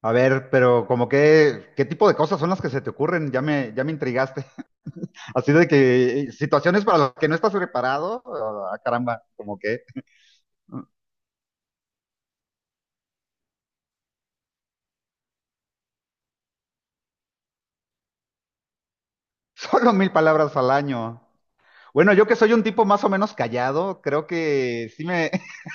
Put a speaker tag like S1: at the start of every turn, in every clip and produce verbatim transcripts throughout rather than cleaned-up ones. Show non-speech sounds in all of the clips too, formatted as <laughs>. S1: A ver, pero como que, ¿qué tipo de cosas son las que se te ocurren? Ya me, ya me intrigaste. <laughs> Así de que situaciones para las que no estás preparado, oh, ah, caramba, como que <laughs> solo mil palabras al año. Bueno, yo que soy un tipo más o menos callado, creo que sí me, <laughs>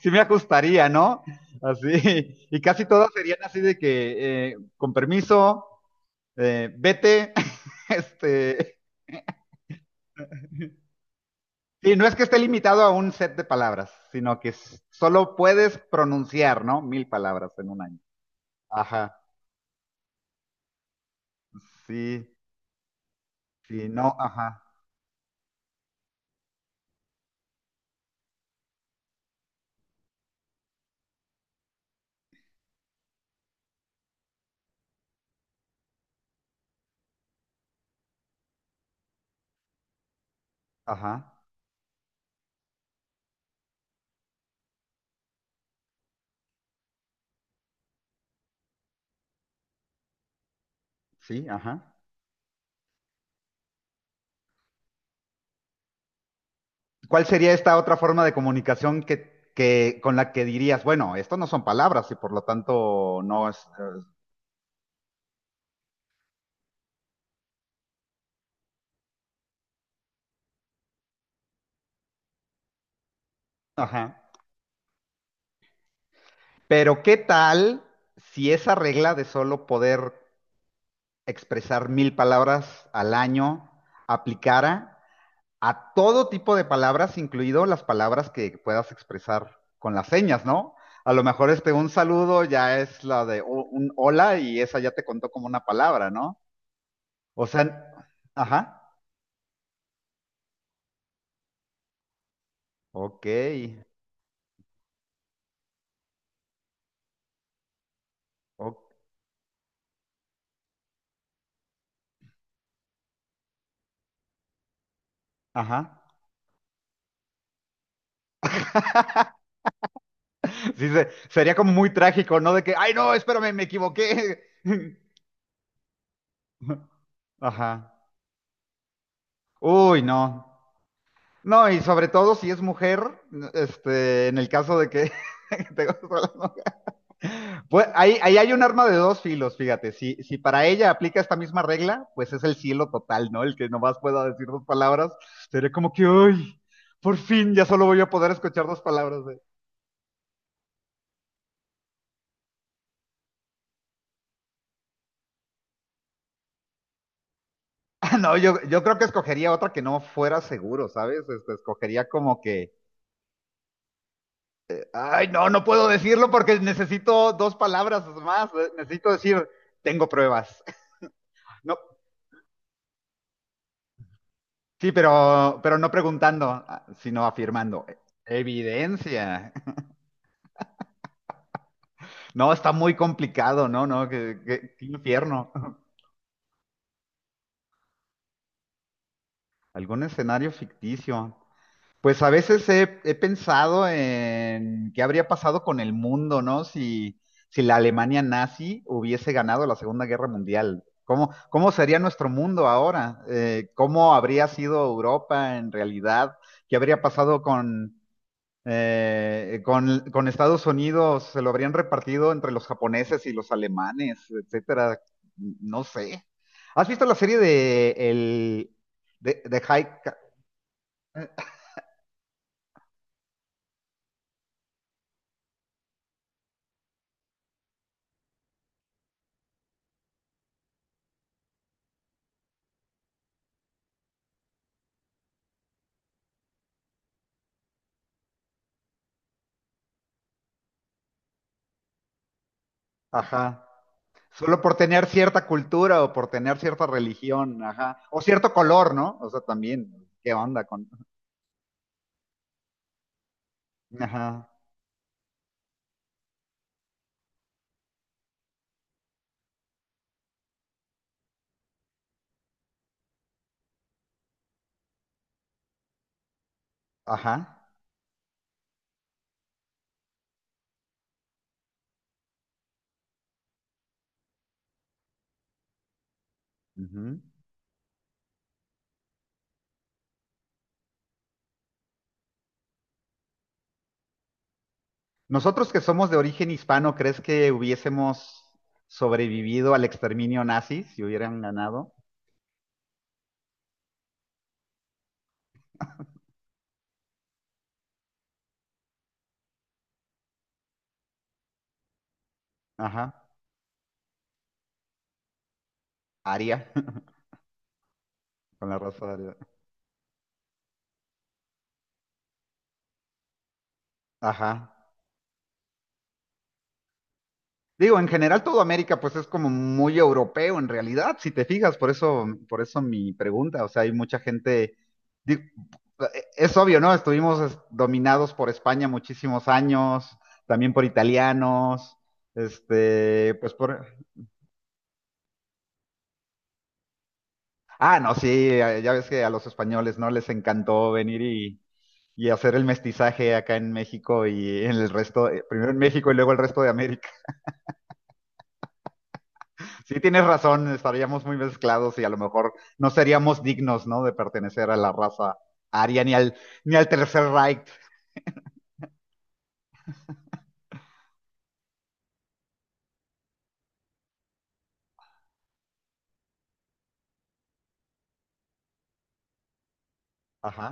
S1: sí me ajustaría, ¿no? Así, <laughs> y casi todas serían así de que, eh, con permiso, eh, vete, <laughs> este, y no es que esté limitado a un set de palabras, sino que s- solo puedes pronunciar, ¿no? Mil palabras en un año. Ajá, sí, sí, no, ajá, ajá, sí, ajá. ¿Cuál sería esta otra forma de comunicación que, que con la que dirías, bueno, esto no son palabras y por lo tanto no es, eh, ajá. Pero ¿qué tal si esa regla de solo poder expresar mil palabras al año aplicara a todo tipo de palabras, incluido las palabras que puedas expresar con las señas, ¿no? A lo mejor este un saludo ya es la de o- un hola y esa ya te contó como una palabra, ¿no? O sea, ajá, ok, o- ajá. <laughs> Sí, se- sería como muy trágico, ¿no? De que, ay, no, espérame, me equivoqué. <laughs> Ajá. Uy, no. No, y sobre todo si es mujer, este, en el caso de que <laughs> te gusta la. Pues ahí, ahí hay un arma de dos filos, fíjate. Si, si para ella aplica esta misma regla, pues es el cielo total, ¿no? El que nomás pueda decir dos palabras, sería como que, uy, por fin ya solo voy a poder escuchar dos palabras de... <laughs> Ah, no, yo, yo creo que escogería otra que no fuera seguro, ¿sabes? Este, escogería como que, ay, no, no puedo decirlo porque necesito dos palabras más, eh, necesito decir, tengo pruebas. <laughs> No, sí, pero, pero no preguntando, ah, sino afirmando. Evidencia. No, está muy complicado, no, no, qué, qué- qué infierno. ¿Algún escenario ficticio? Pues a veces he, he pensado en qué habría pasado con el mundo, ¿no? Si, si la Alemania nazi hubiese ganado la Segunda Guerra Mundial. ¿Cómo, cómo sería nuestro mundo ahora? Eh, ¿cómo habría sido Europa en realidad? ¿Qué habría pasado con, Eh, con, con Estados Unidos se lo habrían repartido entre los japoneses y los alemanes, etcétera. No sé. ¿Has visto la serie de el de, de High? Ajá. Solo por tener cierta cultura o por tener cierta religión, ajá. O cierto color, ¿no? O sea, también, ¿qué onda con? Ajá. Ajá. Ujú. Nosotros que somos de origen hispano, ¿crees que hubiésemos sobrevivido al exterminio nazi si hubieran ganado? Ajá. Aria, <laughs> con la raza aria. Ajá. Digo, en general todo América pues es como muy europeo en realidad, si te fijas, por eso, por eso mi pregunta, o sea, hay mucha gente, digo, es obvio, ¿no? Estuvimos es- dominados por España muchísimos años, también por italianos, este, pues por... Ah, no, sí, ya ves que a los españoles, ¿no? Les encantó venir y, y hacer el mestizaje acá en México y en el resto, eh, primero en México y luego el resto de. Sí, tienes razón, estaríamos muy mezclados y a lo mejor no seríamos dignos, ¿no? De pertenecer a la raza aria ni al, ni al Tercer Reich. Ajá,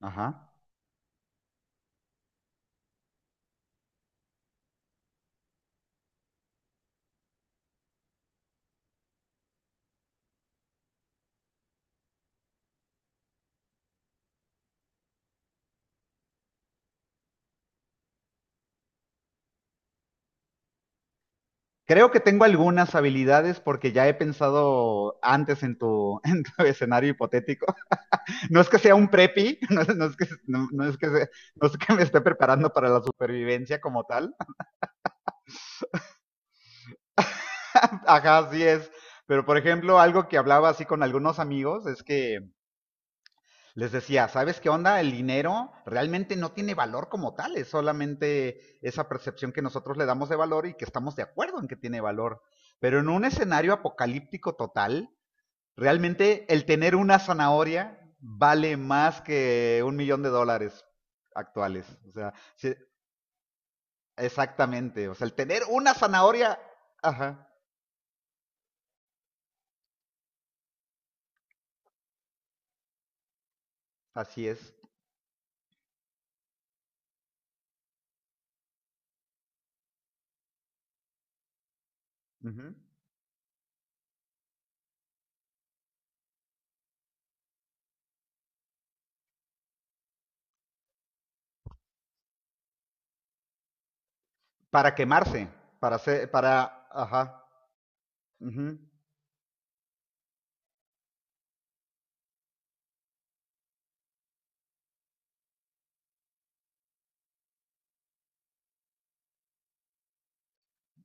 S1: ajá. Creo que tengo algunas habilidades porque ya he pensado antes en tu, <laughs> en tu escenario hipotético. No es que sea un preppy, <laughs> no, es no es que, no, no es que se- no es que me esté preparando para la supervivencia como tal. <laughs> Ajá, así es. Pero por ejemplo, algo que hablaba así con algunos amigos es que les decía, ¿sabes qué onda? El dinero realmente no tiene valor como tal, es solamente esa percepción que nosotros le damos de valor y que estamos de acuerdo en que tiene valor. Pero en un escenario apocalíptico total, realmente el tener una zanahoria vale más que un millón de dólares actuales. O sea, sí, exactamente. O sea, el tener una zanahoria, ajá, así es. Ujú. Para quemarse, para hacer, para, ajá, ujú,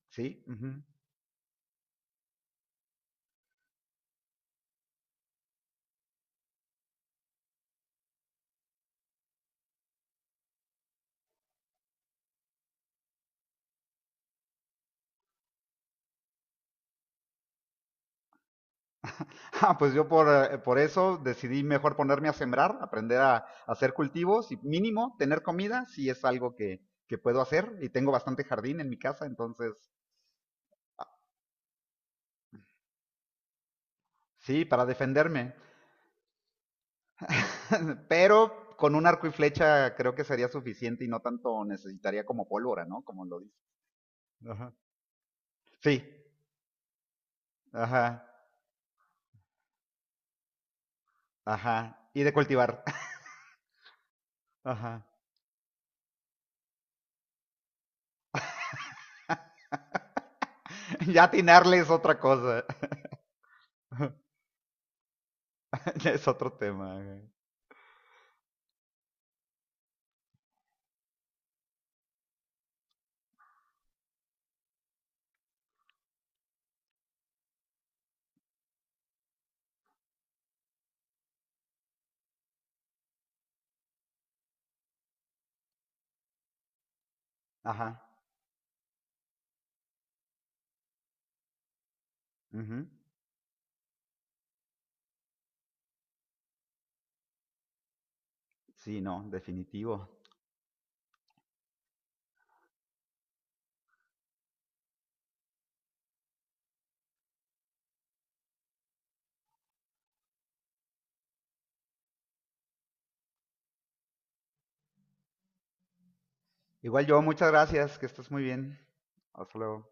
S1: sí, ujú. Ah, pues yo por, eh, por eso decidí mejor ponerme a sembrar, aprender a, a hacer cultivos y mínimo tener comida, si es algo que, que puedo hacer y tengo bastante jardín en mi casa, entonces ah, sí, para defenderme. <laughs> Pero con un arco y flecha creo que sería suficiente y no tanto necesitaría como pólvora, ¿no? Como lo dice. Ajá. Sí, ajá, ajá. Y de cultivar. <laughs> Ajá. Ya atinarle es otra cosa. <laughs> Ya es otro tema, güey. Ajá. Ujú. Sí, no, definitivo. Igual yo, muchas gracias, que estés muy bien. Hasta luego.